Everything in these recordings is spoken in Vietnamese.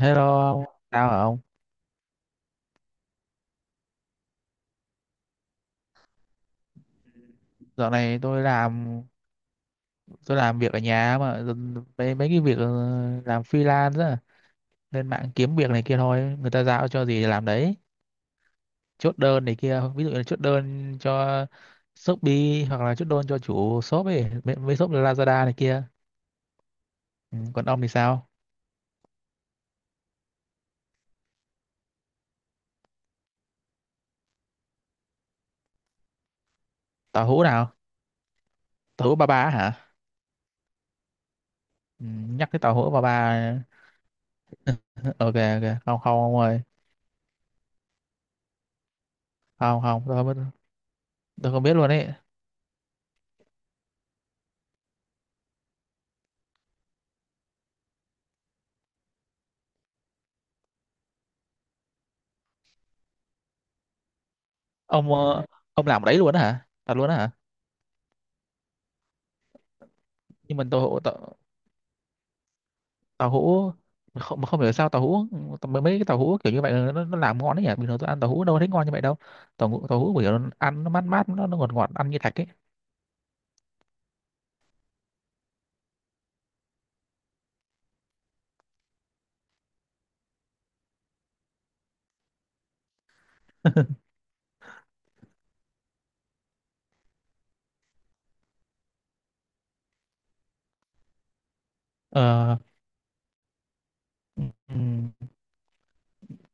Hello ông, sao hả ông? Dạo này tôi làm việc ở nhà mà mấy mấy cái việc làm freelance á, lên mạng kiếm việc này kia thôi, người ta giao cho gì thì làm đấy. Chốt đơn này kia, ví dụ như là chốt đơn cho Shopee hoặc là chốt đơn cho chủ shop ấy, mấy shop Lazada này kia. Ừ, còn ông thì sao? Tàu hũ nào? Tàu hũ ba ba hả? Ừ, nhắc cái tàu hũ ba ba. Ok, ok, không không ông ơi, không không tôi không biết, tôi không biết luôn ấy. Ông ông làm ở đấy luôn á hả? Thật luôn á hả? Nhưng mà tàu hũ, mà không, mà không hiểu sao tàu hũ, mấy mấy cái tàu hũ kiểu như vậy là nó làm ngon đấy nhỉ. Bình thường tôi ăn tàu hũ đâu có thấy ngon như vậy đâu. Tàu hũ kiểu nó ăn nó mát mát, nó ngọt ngọt, ăn như thạch ấy. Ờ. ừm,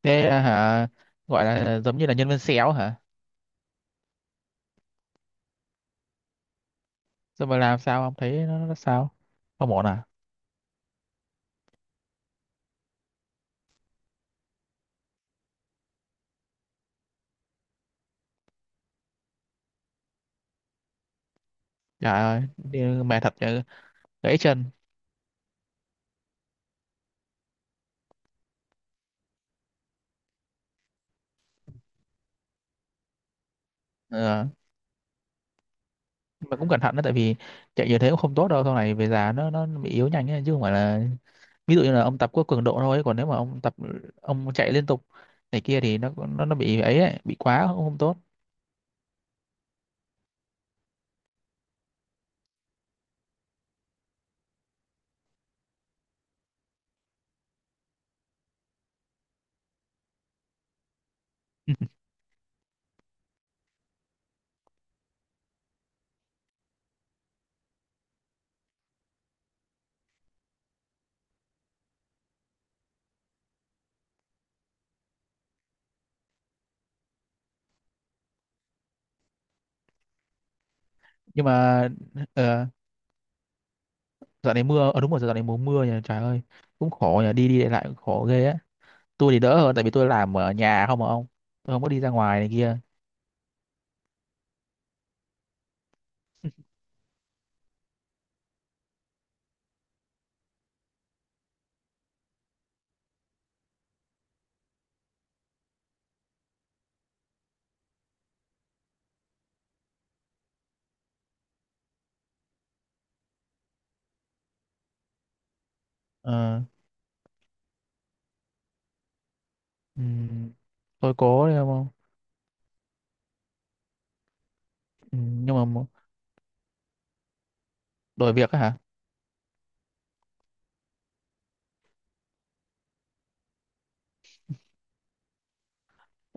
thế à, hả, gọi là giống như là nhân viên xéo hả? Rồi mà làm sao không thấy nó sao, không ổn à? Trời ơi, mệt thật chứ, gãy chân. Ờ, nhưng mà cũng cẩn thận đó, tại vì chạy nhiều thế cũng không tốt đâu, sau này về già nó bị yếu nhanh ấy, chứ không phải là ví dụ như là ông tập có cường độ thôi. Còn nếu mà ông tập ông chạy liên tục này kia thì nó nó bị ấy, ấy bị quá cũng không tốt. Nhưng mà ờ, dạo này mưa, ờ đúng rồi, dạo này mùa mưa nhỉ. Trời ơi, cũng khổ nhỉ, đi đi lại lại cũng khổ ghê á. Tôi thì đỡ hơn tại vì tôi làm ở nhà không mà ông, tôi không có đi ra ngoài này kia. Ờ. Ừm, tôi cố đấy không. Ừ, nhưng mà đổi việc á hả?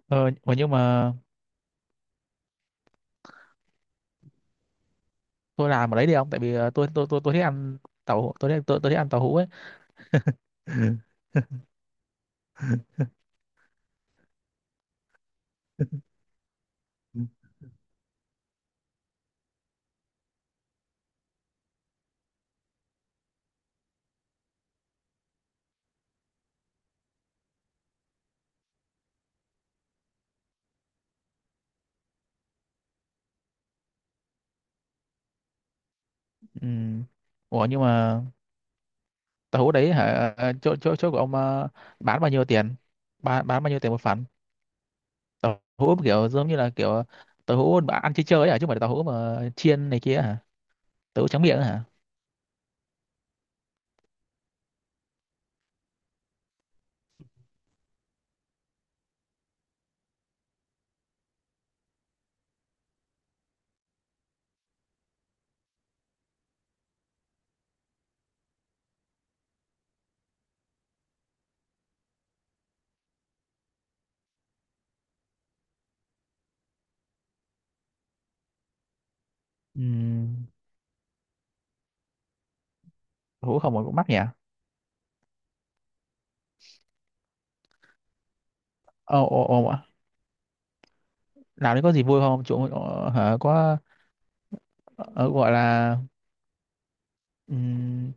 Ờ, mà nhưng mà tôi làm ở đấy đi không, tại vì tôi tôi thích ăn tôi thích, tôi thích ăn tàu hũ ấy. Ừ. Ừ. Ủa nhưng mà tàu hũ đấy hả, chỗ chỗ chỗ của ông bán bao nhiêu tiền, bán bao nhiêu tiền một phần, tàu hũ kiểu giống như là kiểu tàu hũ mà ăn chơi chơi ấy hả, chứ không phải tàu hũ mà chiên này kia hả, tàu hũ trắng miệng ấy hả? Ừ. Tàu hũ không mà cũng mắc nhỉ. Ồ ồ ồ ạ. Làm đấy có gì vui không chỗ hả? Có ờ, gọi là ừm,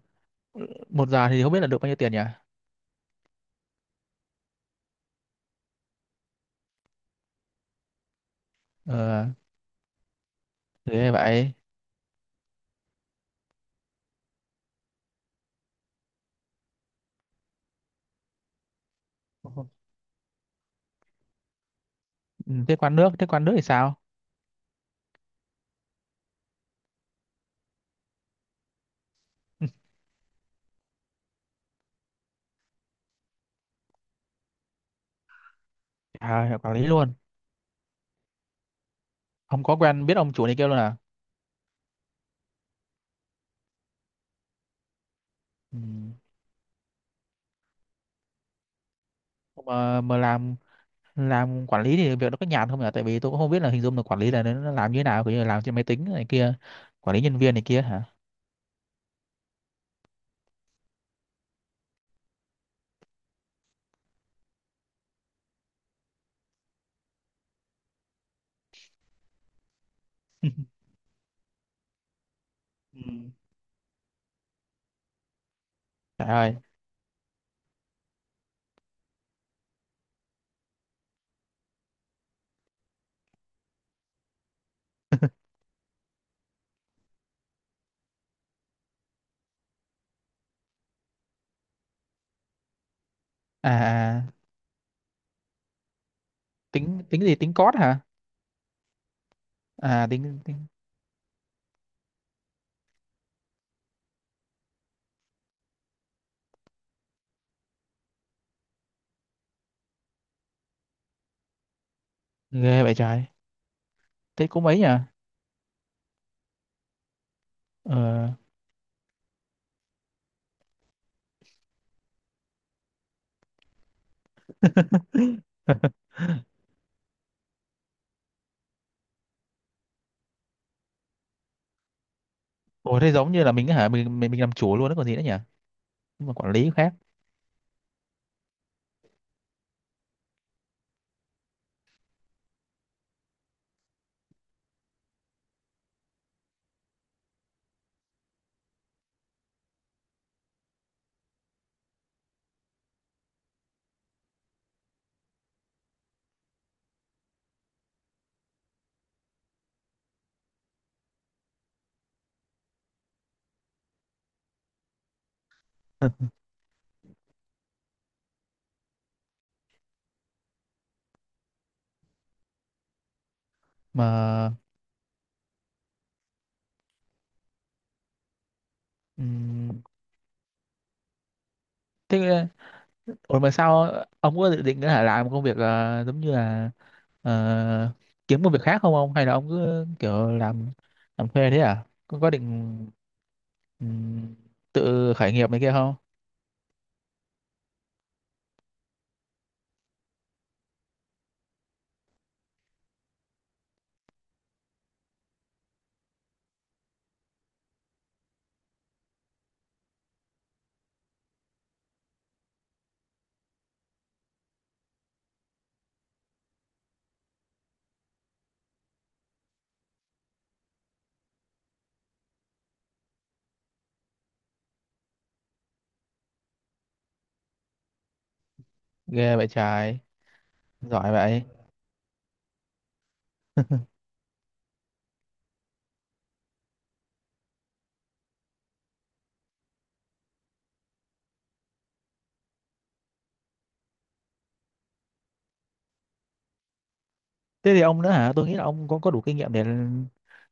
một giờ thì không biết là được bao nhiêu tiền nhỉ? Ờ thế vậy. Ừ, thế quán nước thì sao? Ừ. À, quản lý luôn. Không có quen biết ông chủ này kia luôn à? Ừ. Mà làm quản lý thì việc nó có nhàn không nhỉ? Tại vì tôi cũng không biết là hình dung là quản lý là nó làm như thế nào, kiểu như là làm trên máy tính này kia, quản lý nhân viên này kia hả? Ừ. Trời ơi. À, à, tính tính gì? Tính code hả? À tính, tính... Ghê vậy trời. Thế cũng mấy nhỉ? Ờ. Ủa thế giống như là mình hả, mình làm chủ luôn đó còn gì nữa nhỉ? Nhưng mà quản lý khác. Mà ừm, thế, Ủa mà sao ông có dự định nữa là làm một công việc giống như là ờ, kiếm một việc khác không ông, hay là ông cứ kiểu làm thuê thế à? Có định ừm, tự khởi nghiệp này kia không? Ghê vậy trời, giỏi vậy. Thế thì ông nữa hả? Tôi nghĩ là ông có đủ kinh nghiệm để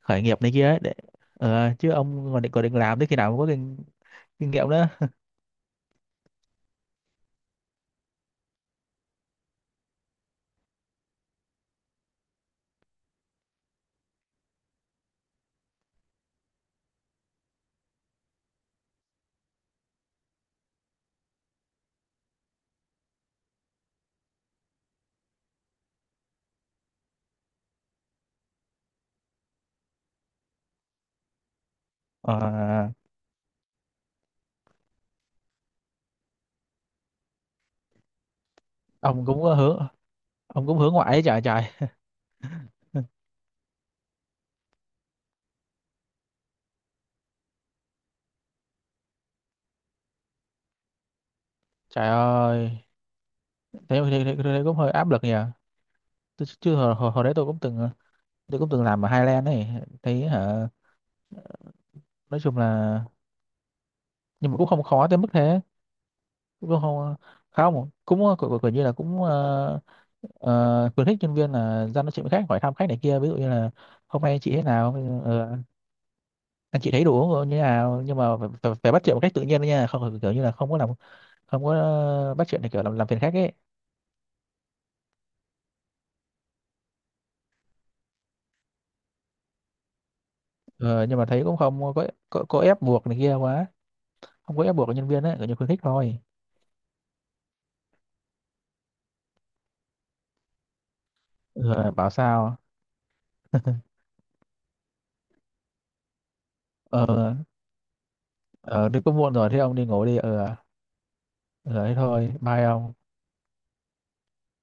khởi nghiệp này kia ấy, để chứ ông còn định, còn định làm tới khi nào mới có kinh, kinh nghiệm nữa. Ờ, ông cũng có hướng, ông cũng hướng ngoại ấy, trời trời. Trời ơi, thế cũng hơi áp lực nhỉ. Tôi chưa hồi đấy tôi cũng từng tôi cũng từng làm ở Highland ấy, thấy hả, nói chung là, nhưng mà cũng không khó tới mức thế, cũng không, không, cũng cũng cũng như là cũng khuyến khích nhân viên là ra nói chuyện với khách, hỏi thăm khách này kia, ví dụ như là hôm nay chị thế nào, anh chị thấy đồ uống như thế nào, nhưng mà phải bắt chuyện một cách tự nhiên đấy nha, không phải kiểu như là không có làm, không có bắt chuyện thì kiểu làm phiền khách ấy. Ờ, nhưng mà thấy cũng không có, có ép buộc này kia quá, không có ép buộc nhân viên ấy, kiểu như khuyến khích thôi. Ờ, bảo sao. Ờ, ờ đi cũng muộn rồi, thế ông đi ngủ đi. Ờ, ờ thế thôi, bye ông.